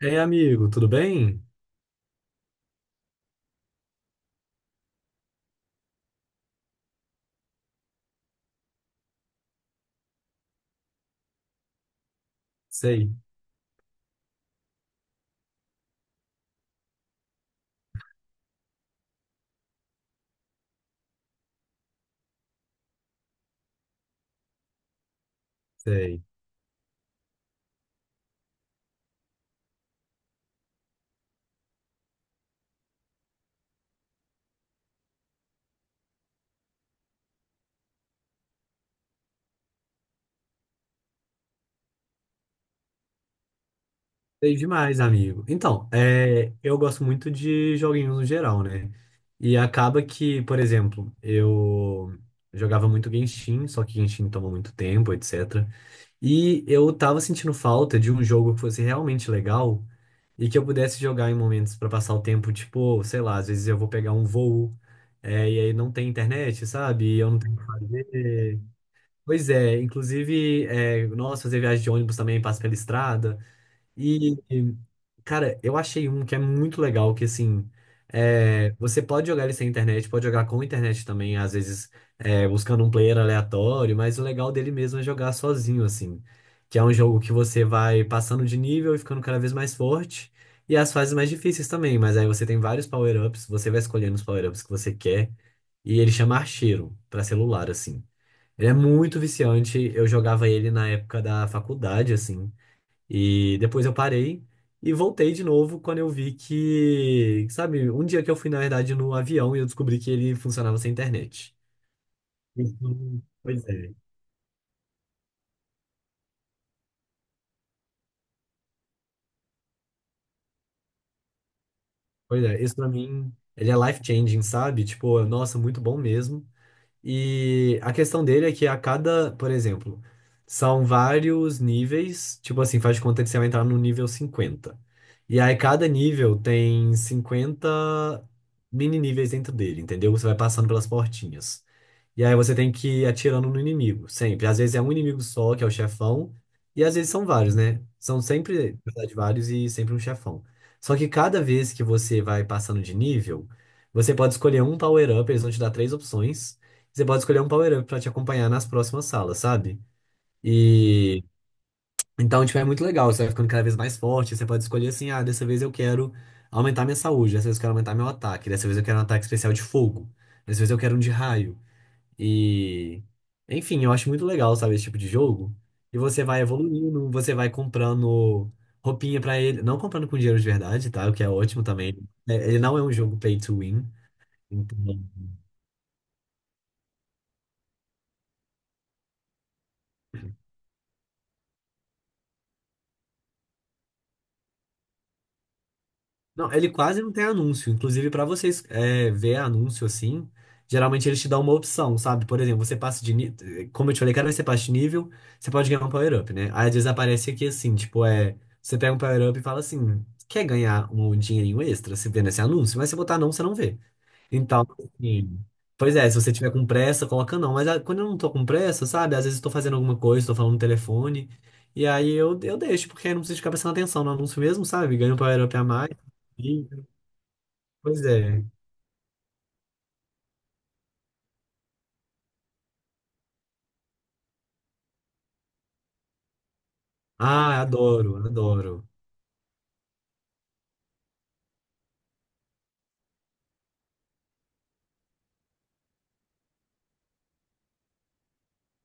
Ei, amigo, tudo bem? Sei, sei. Sei demais, amigo. Então, é, eu gosto muito de joguinhos no geral, né? E acaba que, por exemplo, eu jogava muito Genshin, só que Genshin toma muito tempo, etc. E eu tava sentindo falta de um jogo que fosse realmente legal e que eu pudesse jogar em momentos pra passar o tempo, tipo, sei lá, às vezes eu vou pegar um voo, é, e aí não tem internet, sabe? E eu não tenho o que fazer. Pois é, inclusive, é, nossa, fazer viagem de ônibus também passa pela estrada. E, cara, eu achei um que é muito legal, que assim, é, você pode jogar ele sem internet, pode jogar com internet também, às vezes é, buscando um player aleatório, mas o legal dele mesmo é jogar sozinho, assim. Que é um jogo que você vai passando de nível e ficando cada vez mais forte. E as fases mais difíceis também, mas aí você tem vários power-ups, você vai escolhendo os power-ups que você quer. E ele chama Archeiro, pra celular, assim. Ele é muito viciante. Eu jogava ele na época da faculdade, assim. E depois eu parei e voltei de novo quando eu vi que, sabe, um dia que eu fui, na verdade, no avião e eu descobri que ele funcionava sem internet. Isso, pois é. Pois é, isso pra mim, ele é life-changing, sabe? Tipo, nossa, muito bom mesmo. E a questão dele é que a cada, por exemplo, são vários níveis, tipo assim, faz de conta que você vai entrar no nível 50. E aí cada nível tem 50 mini níveis dentro dele, entendeu? Você vai passando pelas portinhas. E aí você tem que ir atirando no inimigo, sempre. Às vezes é um inimigo só, que é o chefão, e às vezes são vários, né? São sempre, na verdade, vários e sempre um chefão. Só que cada vez que você vai passando de nível, você pode escolher um power-up, eles vão te dar três opções. Você pode escolher um power-up pra te acompanhar nas próximas salas, sabe? E então, tipo, é muito legal, você vai ficando cada vez mais forte, você pode escolher assim, ah, dessa vez eu quero aumentar minha saúde, dessa vez eu quero aumentar meu ataque, dessa vez eu quero um ataque especial de fogo, dessa vez eu quero um de raio. E, enfim, eu acho muito legal, sabe, esse tipo de jogo. E você vai evoluindo, você vai comprando roupinha pra ele, não comprando com dinheiro de verdade, tá? O que é ótimo também. É, ele não é um jogo pay to win, então. Não, ele quase não tem anúncio. Inclusive, para vocês é, ver anúncio assim, geralmente eles te dão uma opção, sabe? Por exemplo, você passa de nível. Como eu te falei, cada vez que você passa de nível, você pode ganhar um power-up, né? Aí às vezes aparece aqui assim, tipo, é. Você pega um power-up e fala assim: quer ganhar um dinheirinho extra? Você vê nesse anúncio, mas se botar não, você não vê. Então, assim, pois é, se você tiver com pressa, coloca não. Mas ah, quando eu não tô com pressa, sabe? Às vezes eu tô fazendo alguma coisa, tô falando no telefone. E aí eu deixo, porque aí não preciso ficar prestando atenção no anúncio mesmo, sabe? Ganho um power up a mais. E- Pois é. Ah, adoro, adoro.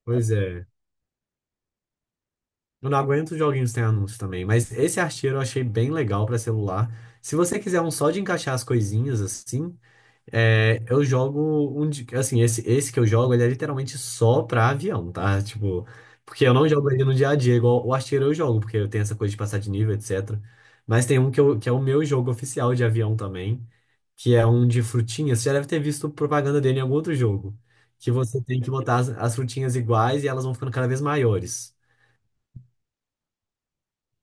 Pois é. Eu não aguento os joguinhos sem anúncio também. Mas esse arteiro eu achei bem legal pra celular. Se você quiser um só de encaixar as coisinhas assim. É, eu jogo um de, assim, esse que eu jogo, ele é literalmente só pra avião, tá? Tipo, porque eu não jogo ele no dia a dia, igual o artilheiro eu jogo, porque eu tenho essa coisa de passar de nível, etc. Mas tem um que, eu, que é o meu jogo oficial de avião também, que é um de frutinhas. Você já deve ter visto propaganda dele em algum outro jogo, que você tem que botar as frutinhas iguais e elas vão ficando cada vez maiores.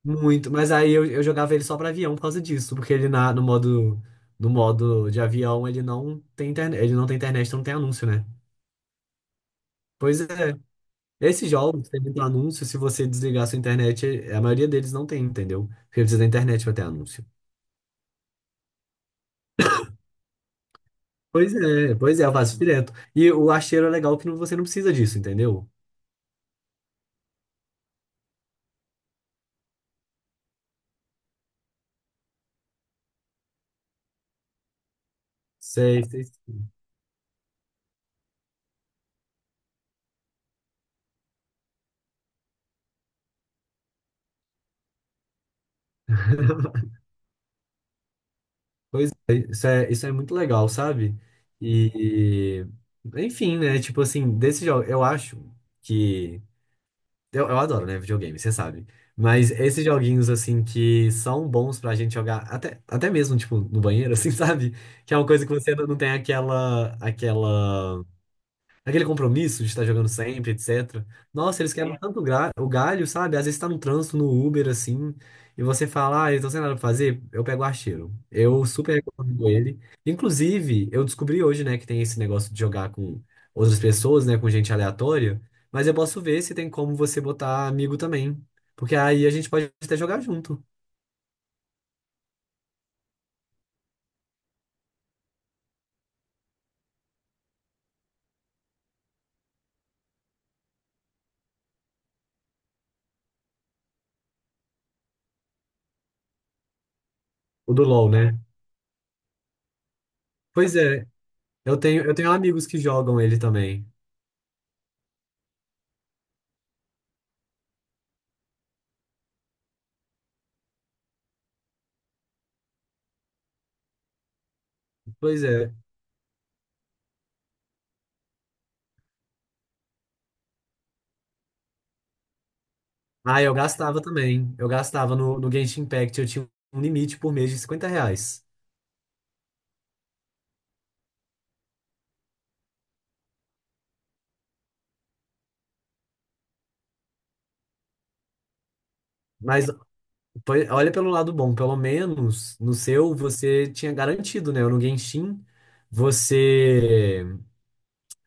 Muito, mas aí eu jogava ele só pra avião por causa disso, porque ele na, no modo, no modo de avião ele não tem internet, ele não tem internet, então não tem anúncio, né? Pois é. Esses jogos têm muito anúncio, se você desligar sua internet, a maioria deles não tem, entendeu? Porque precisa da internet pra ter anúncio. Pois é, eu faço direto. E o Acheiro é legal que você não precisa disso, entendeu? Sei, sei. Pois é, isso é, isso é muito legal, sabe? E, enfim, né? Tipo assim, desse jogo, eu acho que eu adoro, né, videogame, você sabe. Mas esses joguinhos, assim, que são bons pra gente jogar, até, até mesmo, tipo, no banheiro, assim, sabe? Que é uma coisa que você não tem aquela, aquele compromisso de estar jogando sempre, etc. Nossa, eles quebram. Sim, tanto o galho, sabe? Às vezes tá no trânsito, no Uber, assim, e você fala, ah, eu tô sem nada pra fazer, eu pego o archeiro. Eu super recomendo ele. Inclusive, eu descobri hoje, né, que tem esse negócio de jogar com outras pessoas, né, com gente aleatória, mas eu posso ver se tem como você botar amigo também. Porque aí a gente pode até jogar junto. O do LoL, né? Pois é, eu tenho amigos que jogam ele também. Pois é. Ah, eu gastava também. Eu gastava no Genshin Impact. Eu tinha um limite por mês de R$ 50. Mas olha pelo lado bom, pelo menos no seu você tinha garantido, né? No Genshin você.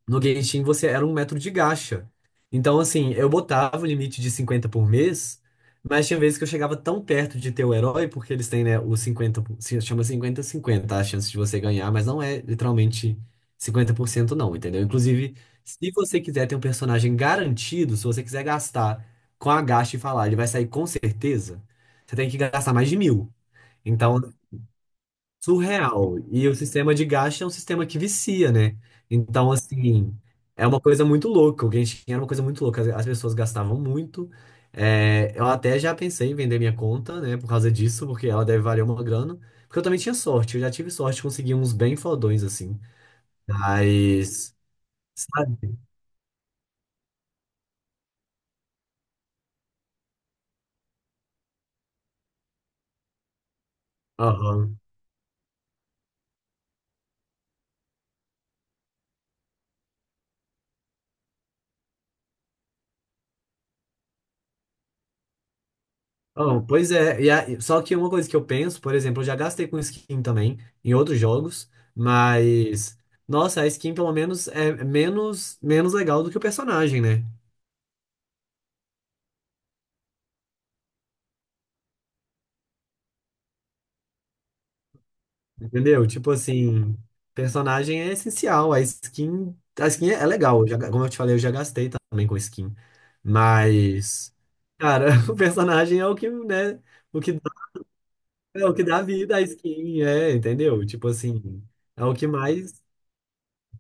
No Genshin você era um metro de gacha. Então, assim, eu botava o limite de 50 por mês, mas tinha vezes que eu chegava tão perto de ter o herói, porque eles têm, né, o se chama 50 50 tá? A chance de você ganhar, mas não é literalmente 50% não, entendeu? Inclusive, se você quiser ter um personagem garantido, se você quiser gastar com a gacha e falar, ele vai sair com certeza, você tem que gastar mais de mil. Então, surreal. E o sistema de gasto é um sistema que vicia, né? Então, assim, é uma coisa muito louca. O Genshin era uma coisa muito louca. As pessoas gastavam muito. É, eu até já pensei em vender minha conta, né? Por causa disso, porque ela deve valer uma grana. Porque eu também tinha sorte. Eu já tive sorte de conseguir uns bem fodões, assim. Mas, sabe? Aham. Oh, pois é, e só que uma coisa que eu penso, por exemplo, eu já gastei com skin também em outros jogos, mas nossa, a skin pelo menos é menos legal do que o personagem, né? Entendeu? Tipo assim, personagem é essencial, a skin é, é legal, eu já, como eu te falei, eu já gastei também com skin, mas cara, o personagem é o que, né, o que dá, é o que dá vida à skin, é, entendeu? Tipo assim, é o que mais.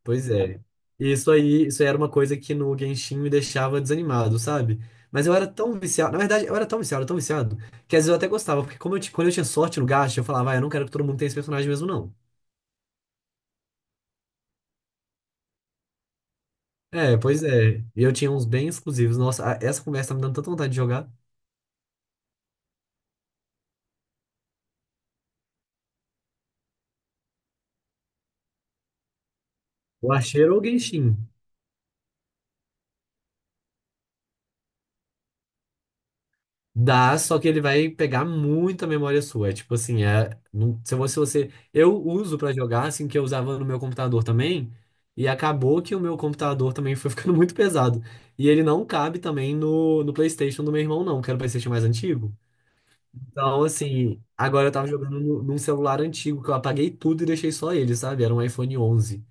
Pois é. E isso aí, isso aí era uma coisa que no Genshin me deixava desanimado, sabe? Mas eu era tão viciado, na verdade, eu era tão viciado, que às vezes eu até gostava, porque como quando eu tinha sorte no gacha, eu falava, ah, eu não quero que todo mundo tenha esse personagem mesmo, não. É, pois é. E eu tinha uns bem exclusivos. Nossa, essa conversa tá me dando tanta vontade de jogar. O Archeiro ou o Genshin? Dá, só que ele vai pegar muita memória sua. É tipo assim, é. Não- se você, você. Eu uso pra jogar, assim, que eu usava no meu computador também. E acabou que o meu computador também foi ficando muito pesado. E ele não cabe também no PlayStation do meu irmão, não, que era o PlayStation mais antigo. Então, assim, agora eu tava jogando num celular antigo que eu apaguei tudo e deixei só ele, sabe? Era um iPhone 11.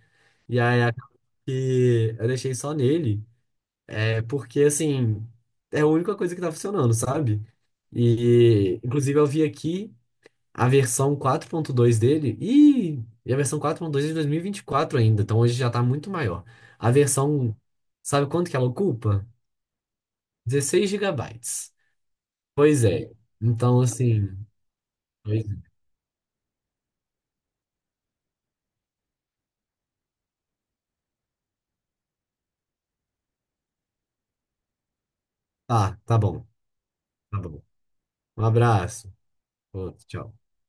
E aí acabou que eu deixei só nele. É porque, assim, é a única coisa que tá funcionando, sabe? E, inclusive, eu vi aqui a versão 4.2 dele e a versão 4.2 é de dois mil e vinte e quatro ainda, então hoje já tá muito maior. A versão, sabe quanto que ela ocupa? 16 GB. Pois é. Então, assim, é. Tá, tá bom, tá bom. Um abraço. Outro, tchau.